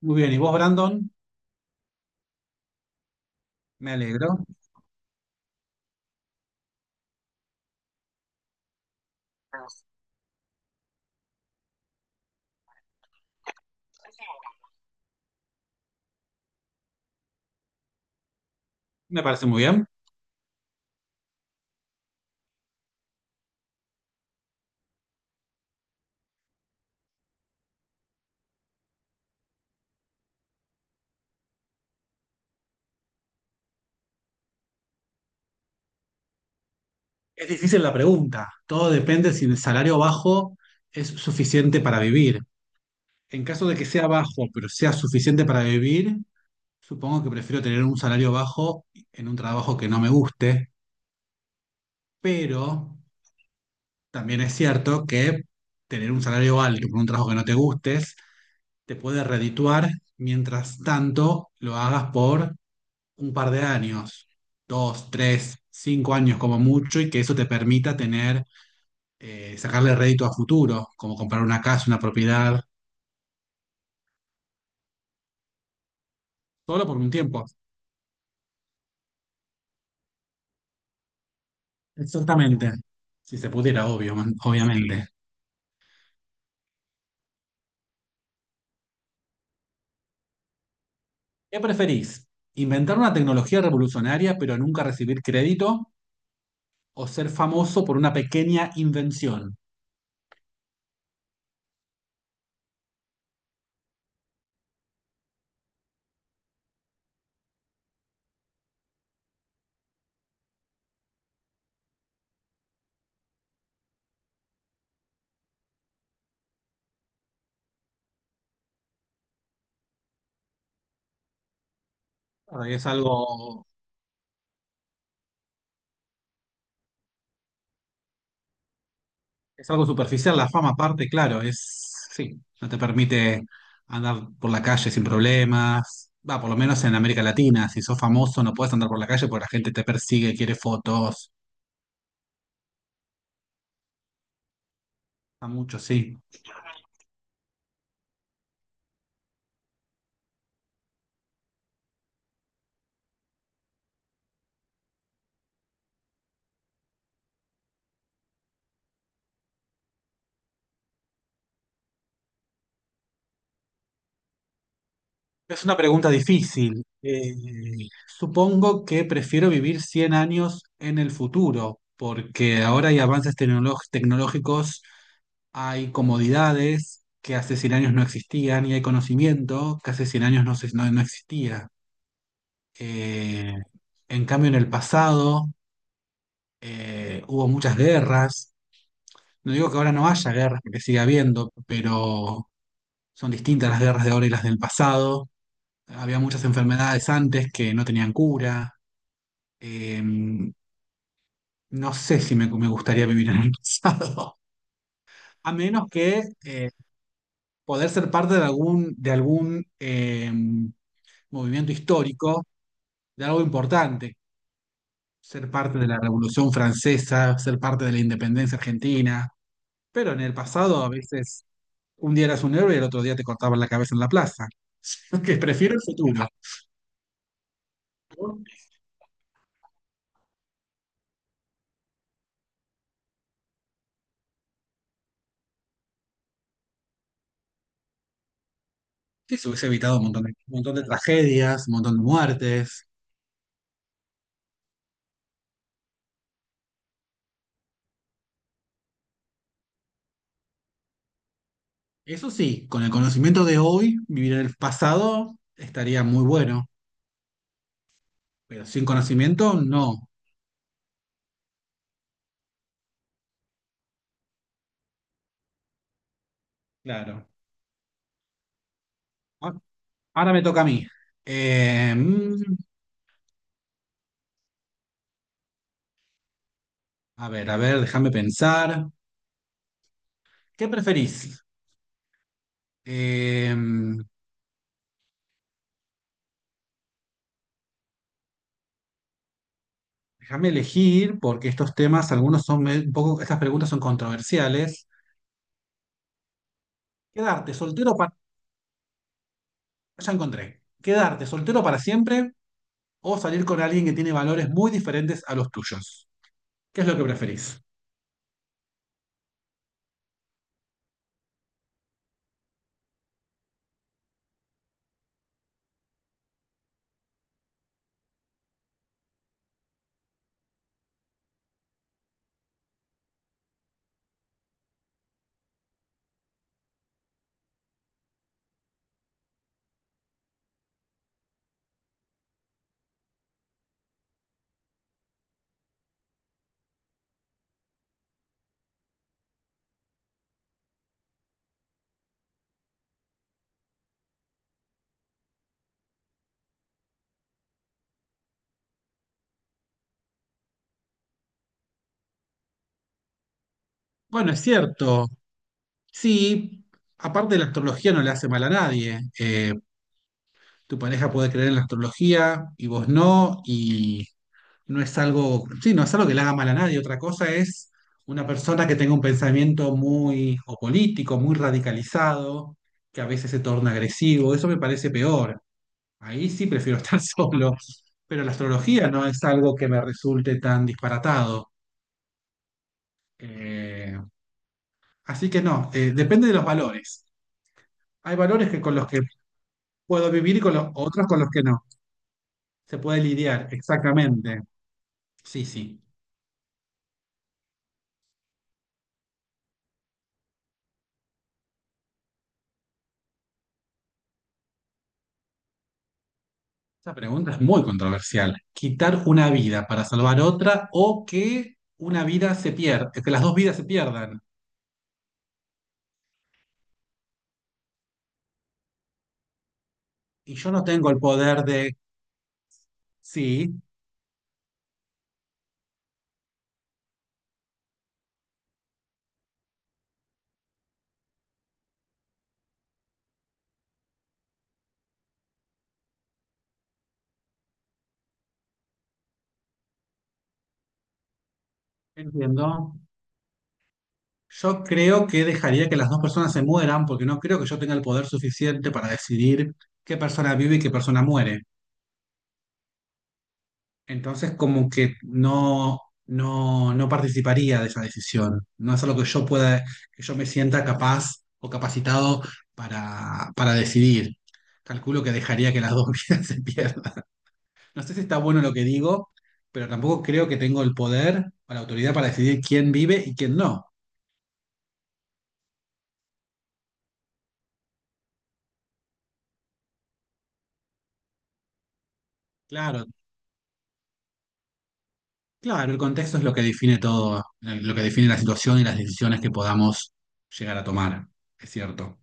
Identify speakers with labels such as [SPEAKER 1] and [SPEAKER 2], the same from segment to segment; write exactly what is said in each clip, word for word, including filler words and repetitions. [SPEAKER 1] Muy bien, ¿y vos, Brandon? Me alegro. Me parece muy bien. Es difícil la pregunta. Todo depende si el salario bajo es suficiente para vivir. En caso de que sea bajo, pero sea suficiente para vivir, supongo que prefiero tener un salario bajo en un trabajo que no me guste, pero también es cierto que tener un salario alto por un trabajo que no te gustes te puede redituar mientras tanto lo hagas por un par de años, dos, tres, cinco años como mucho, y que eso te permita tener, eh, sacarle rédito a futuro, como comprar una casa, una propiedad, solo por un tiempo. Exactamente. Si se pudiera, obvio, man- obviamente. ¿Qué preferís? ¿Inventar una tecnología revolucionaria pero nunca recibir crédito? ¿O ser famoso por una pequeña invención? Ahora, Es algo Es algo superficial, la fama aparte, claro, es, sí, no te permite andar por la calle sin problemas. Va, por lo menos en América Latina, si sos famoso no puedes andar por la calle porque la gente te persigue, quiere fotos. A mucho, sí. Es una pregunta difícil. Eh, supongo que prefiero vivir cien años en el futuro, porque ahora hay avances tecnolo- tecnológicos, hay comodidades que hace cien años no existían y hay conocimiento que hace cien años no, se- no no existía. Eh, en cambio, en el pasado eh, hubo muchas guerras. No digo que ahora no haya guerras, porque sigue habiendo, pero son distintas las guerras de ahora y las del pasado. Había muchas enfermedades antes que no tenían cura. Eh, no sé si me, me gustaría vivir en el pasado, a menos que eh, poder ser parte de algún, de algún eh, movimiento histórico, de algo importante, ser parte de la Revolución Francesa, ser parte de la independencia argentina. Pero en el pasado a veces un día eras un héroe y el otro día te cortaban la cabeza en la plaza. Que prefiero el futuro. ¿No? Que se hubiese evitado un montón de un montón de tragedias, un montón de muertes. Eso sí, con el conocimiento de hoy, vivir en el pasado estaría muy bueno. Pero sin conocimiento, no. Claro. Ah, ahora me toca a mí. Eh, mm, a ver, a ver, déjame pensar. ¿Qué preferís? Eh, Déjame elegir, porque estos temas, algunos son me- un poco, estas preguntas son controversiales. ¿Quedarte soltero para... Ya encontré. ¿Quedarte soltero para siempre o salir con alguien que tiene valores muy diferentes a los tuyos? ¿Qué es lo que preferís? Bueno, es cierto. Sí, aparte la astrología no le hace mal a nadie. Eh, tu pareja puede creer en la astrología y vos no, y no es algo, sí, no es algo que le haga mal a nadie. Otra cosa es una persona que tenga un pensamiento muy o político, muy radicalizado, que a veces se torna agresivo. Eso me parece peor. Ahí sí prefiero estar solo. Pero la astrología no es algo que me resulte tan disparatado. Eh, Así que no, eh, depende de los valores. Hay valores que con los que puedo vivir y con los otros con los que no. Se puede lidiar, exactamente. Sí, sí. Esta pregunta es muy controversial. ¿Quitar una vida para salvar otra o que una vida se pierda, que las dos vidas se pierdan? Y yo no tengo el poder de... Sí, entiendo. Yo creo que dejaría que las dos personas se mueran porque no creo que yo tenga el poder suficiente para decidir qué persona vive y qué persona muere. Entonces, como que no, no, no participaría de esa decisión. No es algo que yo pueda, que yo me sienta capaz o capacitado para, para decidir. Calculo que dejaría que las dos vidas se pierdan. No sé si está bueno lo que digo, pero tampoco creo que tengo el poder o la autoridad para decidir quién vive y quién no. Claro, claro, el contexto es lo que define todo, eh, lo que define la situación y las decisiones que podamos llegar a tomar. Es cierto.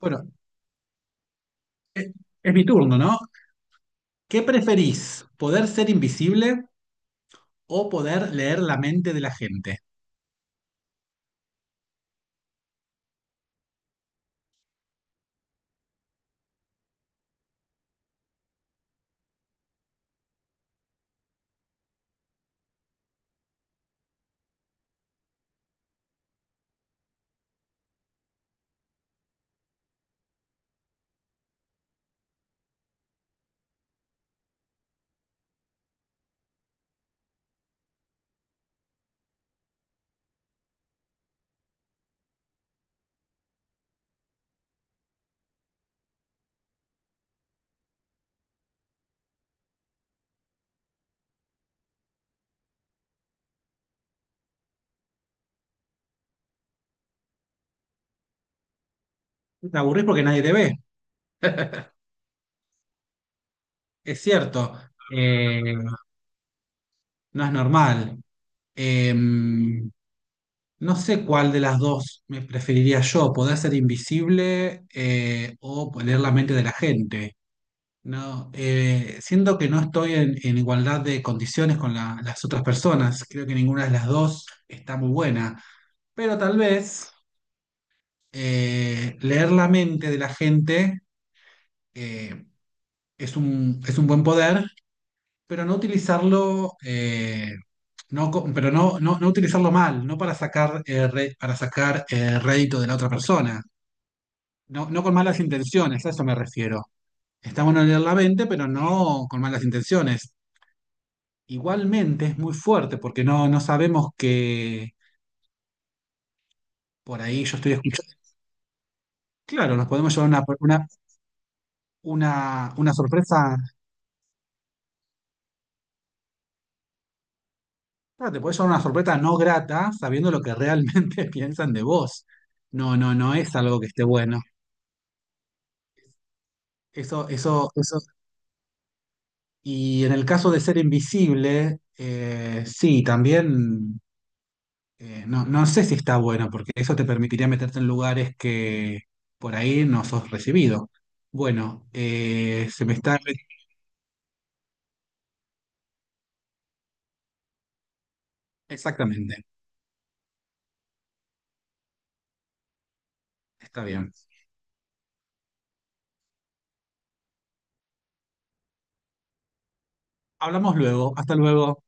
[SPEAKER 1] Bueno, es, es mi turno, ¿no? ¿Qué preferís? ¿Poder ser invisible o poder leer la mente de la gente? Te aburrís porque nadie te ve, es cierto. Eh, no es normal. Eh, no sé cuál de las dos me preferiría yo, poder ser invisible eh, o leer la mente de la gente. No, eh, siento que no estoy en, en igualdad de condiciones con la- las otras personas. Creo que ninguna de las dos está muy buena. Pero tal vez eh, leer la mente de la gente eh, es un, es un buen poder, pero no utilizarlo, eh, no, co- pero no, no, no utilizarlo mal, no para sacar, eh, re- para sacar eh, rédito de la otra persona, no, no con malas intenciones, a eso me refiero. Está bueno leer la mente, pero no con malas intenciones. Igualmente es muy fuerte porque no, no sabemos que por ahí yo estoy escuchando. Claro, nos podemos llevar una, una, una, una sorpresa. Claro, te puede llevar una sorpresa no grata sabiendo lo que realmente piensan de vos. No, no, no es algo que esté bueno. Eso, eso, eso. Y en el caso de ser invisible, eh, sí, también eh, no, no sé si está bueno, porque eso te permitiría meterte en lugares que por ahí no sos recibido. Bueno, eh, se me está... Exactamente, está bien. Hablamos luego. Hasta luego.